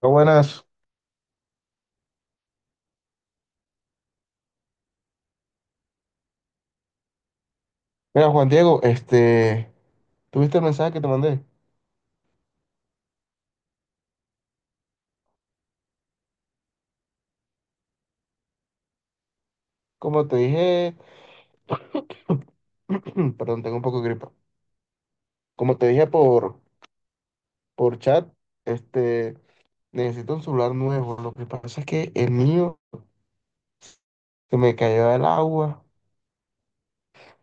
Hola, buenas. Mira, Juan Diego, ¿tuviste el mensaje que te mandé? Como te dije, perdón, tengo un poco de gripa. Como te dije por chat, este, necesito un celular nuevo. Lo que pasa es que el mío se me cayó del agua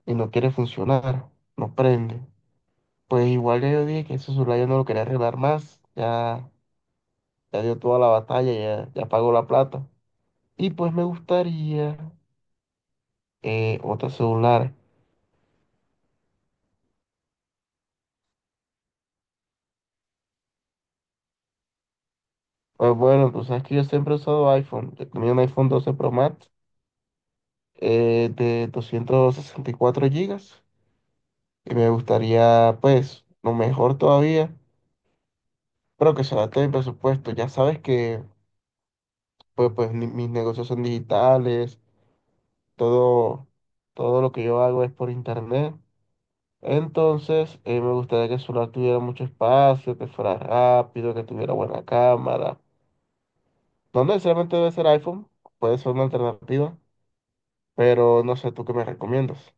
y no quiere funcionar, no prende. Pues igual ya yo dije que ese celular yo no lo quería arreglar más, ya, ya dio toda la batalla, ya, ya pagó la plata. Y pues me gustaría otro celular. Pues bueno, tú sabes que yo siempre he usado iPhone. Yo tenía un iPhone 12 Pro Max de 264 gigas y me gustaría, pues, lo mejor todavía, pero que se adapte a mi presupuesto. Ya sabes que, pues, mis negocios son digitales, todo, todo lo que yo hago es por internet. Entonces, me gustaría que el celular tuviera mucho espacio, que fuera rápido, que tuviera buena cámara. No necesariamente debe ser iPhone, puede ser una alternativa. Pero no sé, ¿tú qué me recomiendas?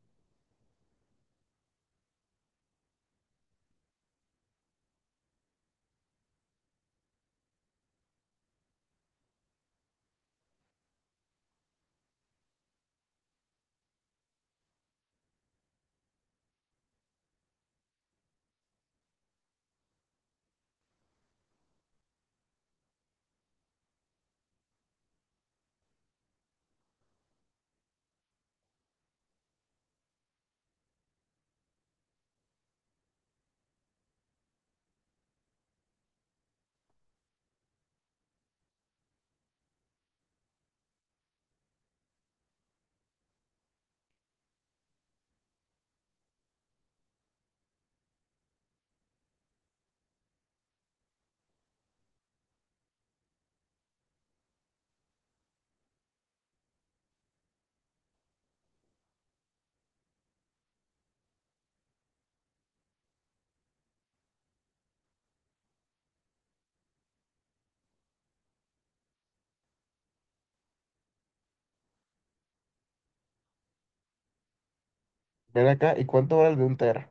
Ven acá, ¿y cuánto vale el de un tera?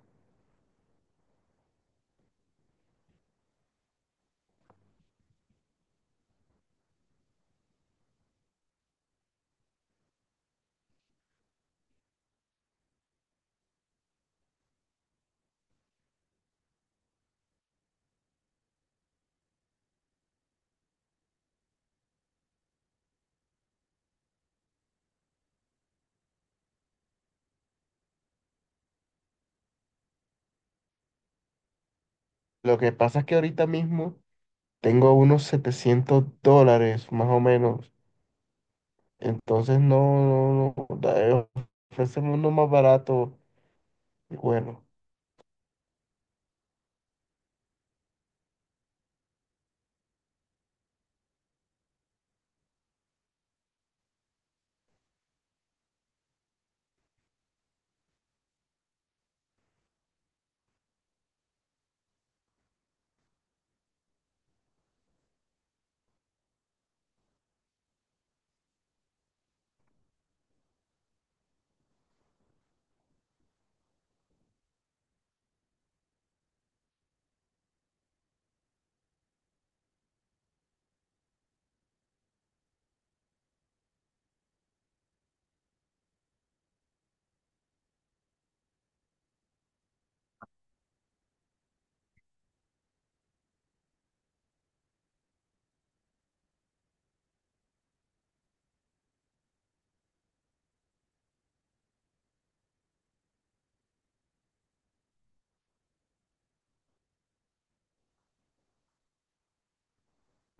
Lo que pasa es que ahorita mismo tengo unos $700, más o menos. Entonces, no, no, no, ofréceme uno más barato. Y bueno,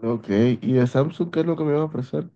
ok, ¿y de Samsung qué es lo que me va a ofrecer?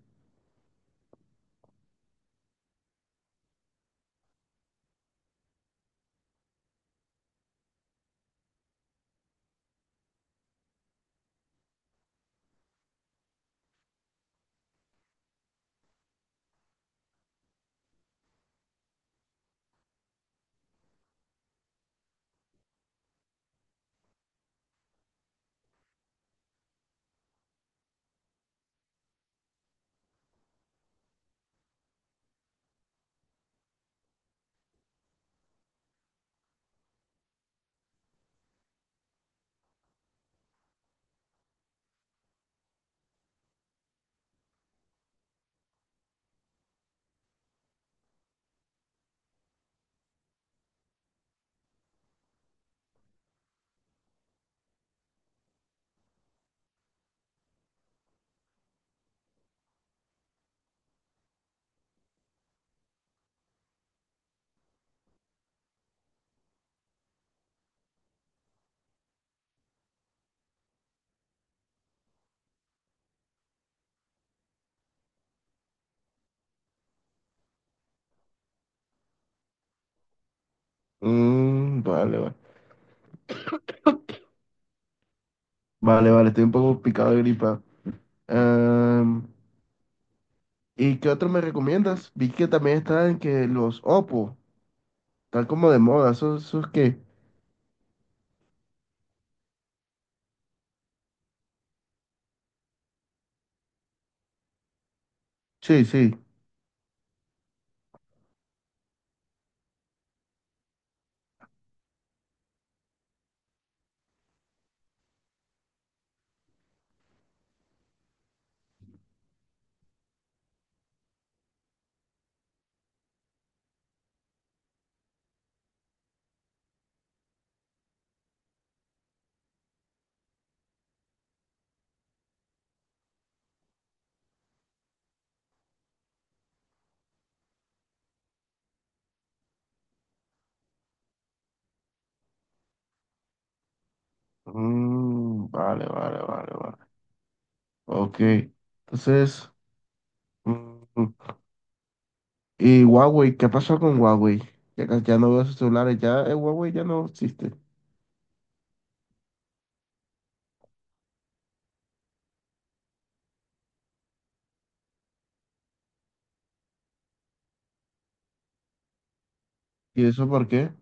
Mm, vale, vale. Vale, vale, estoy un poco picado de gripa. Em, ¿y qué otro me recomiendas? Vi que también están que los Oppo, están como de moda, ¿esos qué? Sí, sí. Mm, vale, vale, vale, vale. Ok. Entonces, mm, ¿y Huawei? ¿Qué pasó con Huawei? Ya, ya no veo sus celulares, ya Huawei ya no existe. ¿Y eso por qué?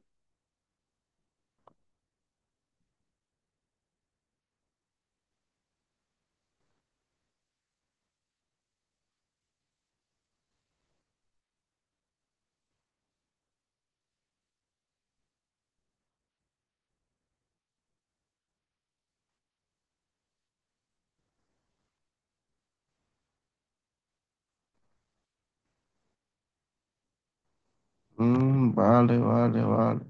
Mm, vale, vale, vale.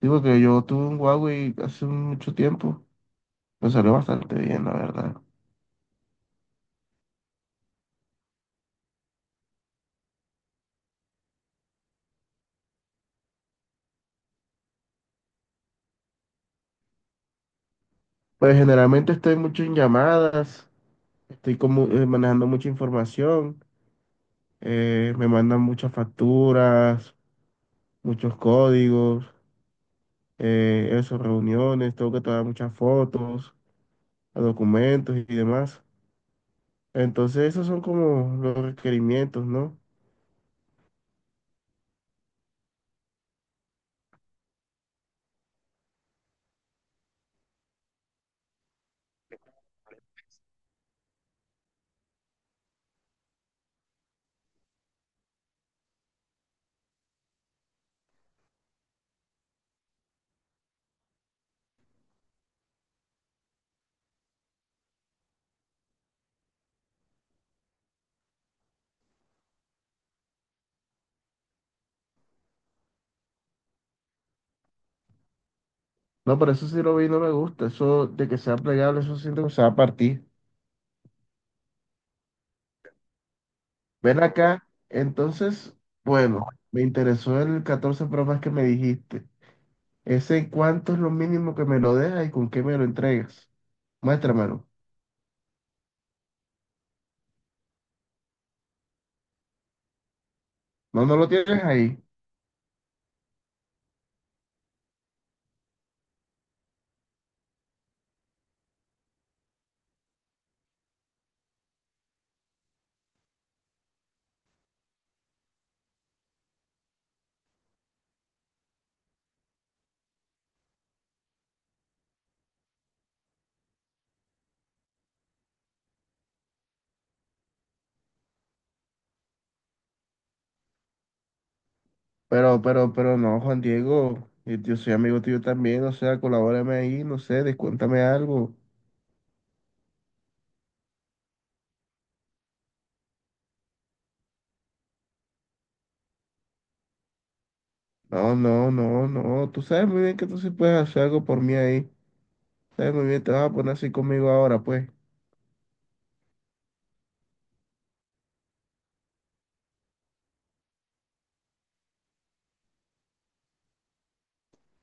Digo que yo tuve un Huawei hace mucho tiempo. Me salió bastante bien, la verdad. Pues generalmente estoy mucho en llamadas, estoy como manejando mucha información, me mandan muchas facturas, muchos códigos. Eso, reuniones, tengo que tomar muchas fotos, documentos y demás. Entonces, esos son como los requerimientos, ¿no? No, pero eso sí lo vi y no me gusta. Eso de que sea plegable, eso siento que se va a partir. Ven acá, entonces, bueno, me interesó el 14 Pro Max que me dijiste. ¿Ese cuánto es lo mínimo que me lo dejas y con qué me lo entregas? Muéstramelo. No, no lo tienes ahí. Pero no, Juan Diego, yo soy amigo tuyo también, o sea, colabórame ahí, no sé, descuéntame algo. No, no, no, no, tú sabes muy bien que tú sí puedes hacer algo por mí ahí. Sabes muy bien, te vas a poner así conmigo ahora, pues.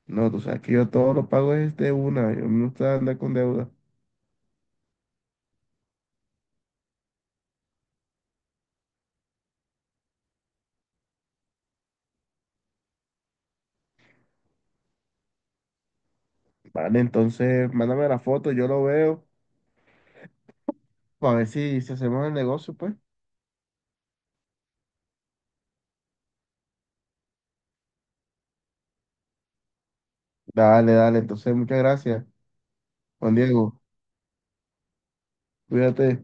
No, tú sabes que yo todo lo pago es de una, yo no gusta andar con deuda. Vale, entonces, mándame la foto, yo lo veo, para ver si hacemos el negocio, pues. Dale, dale, entonces, muchas gracias, Juan Diego, cuídate.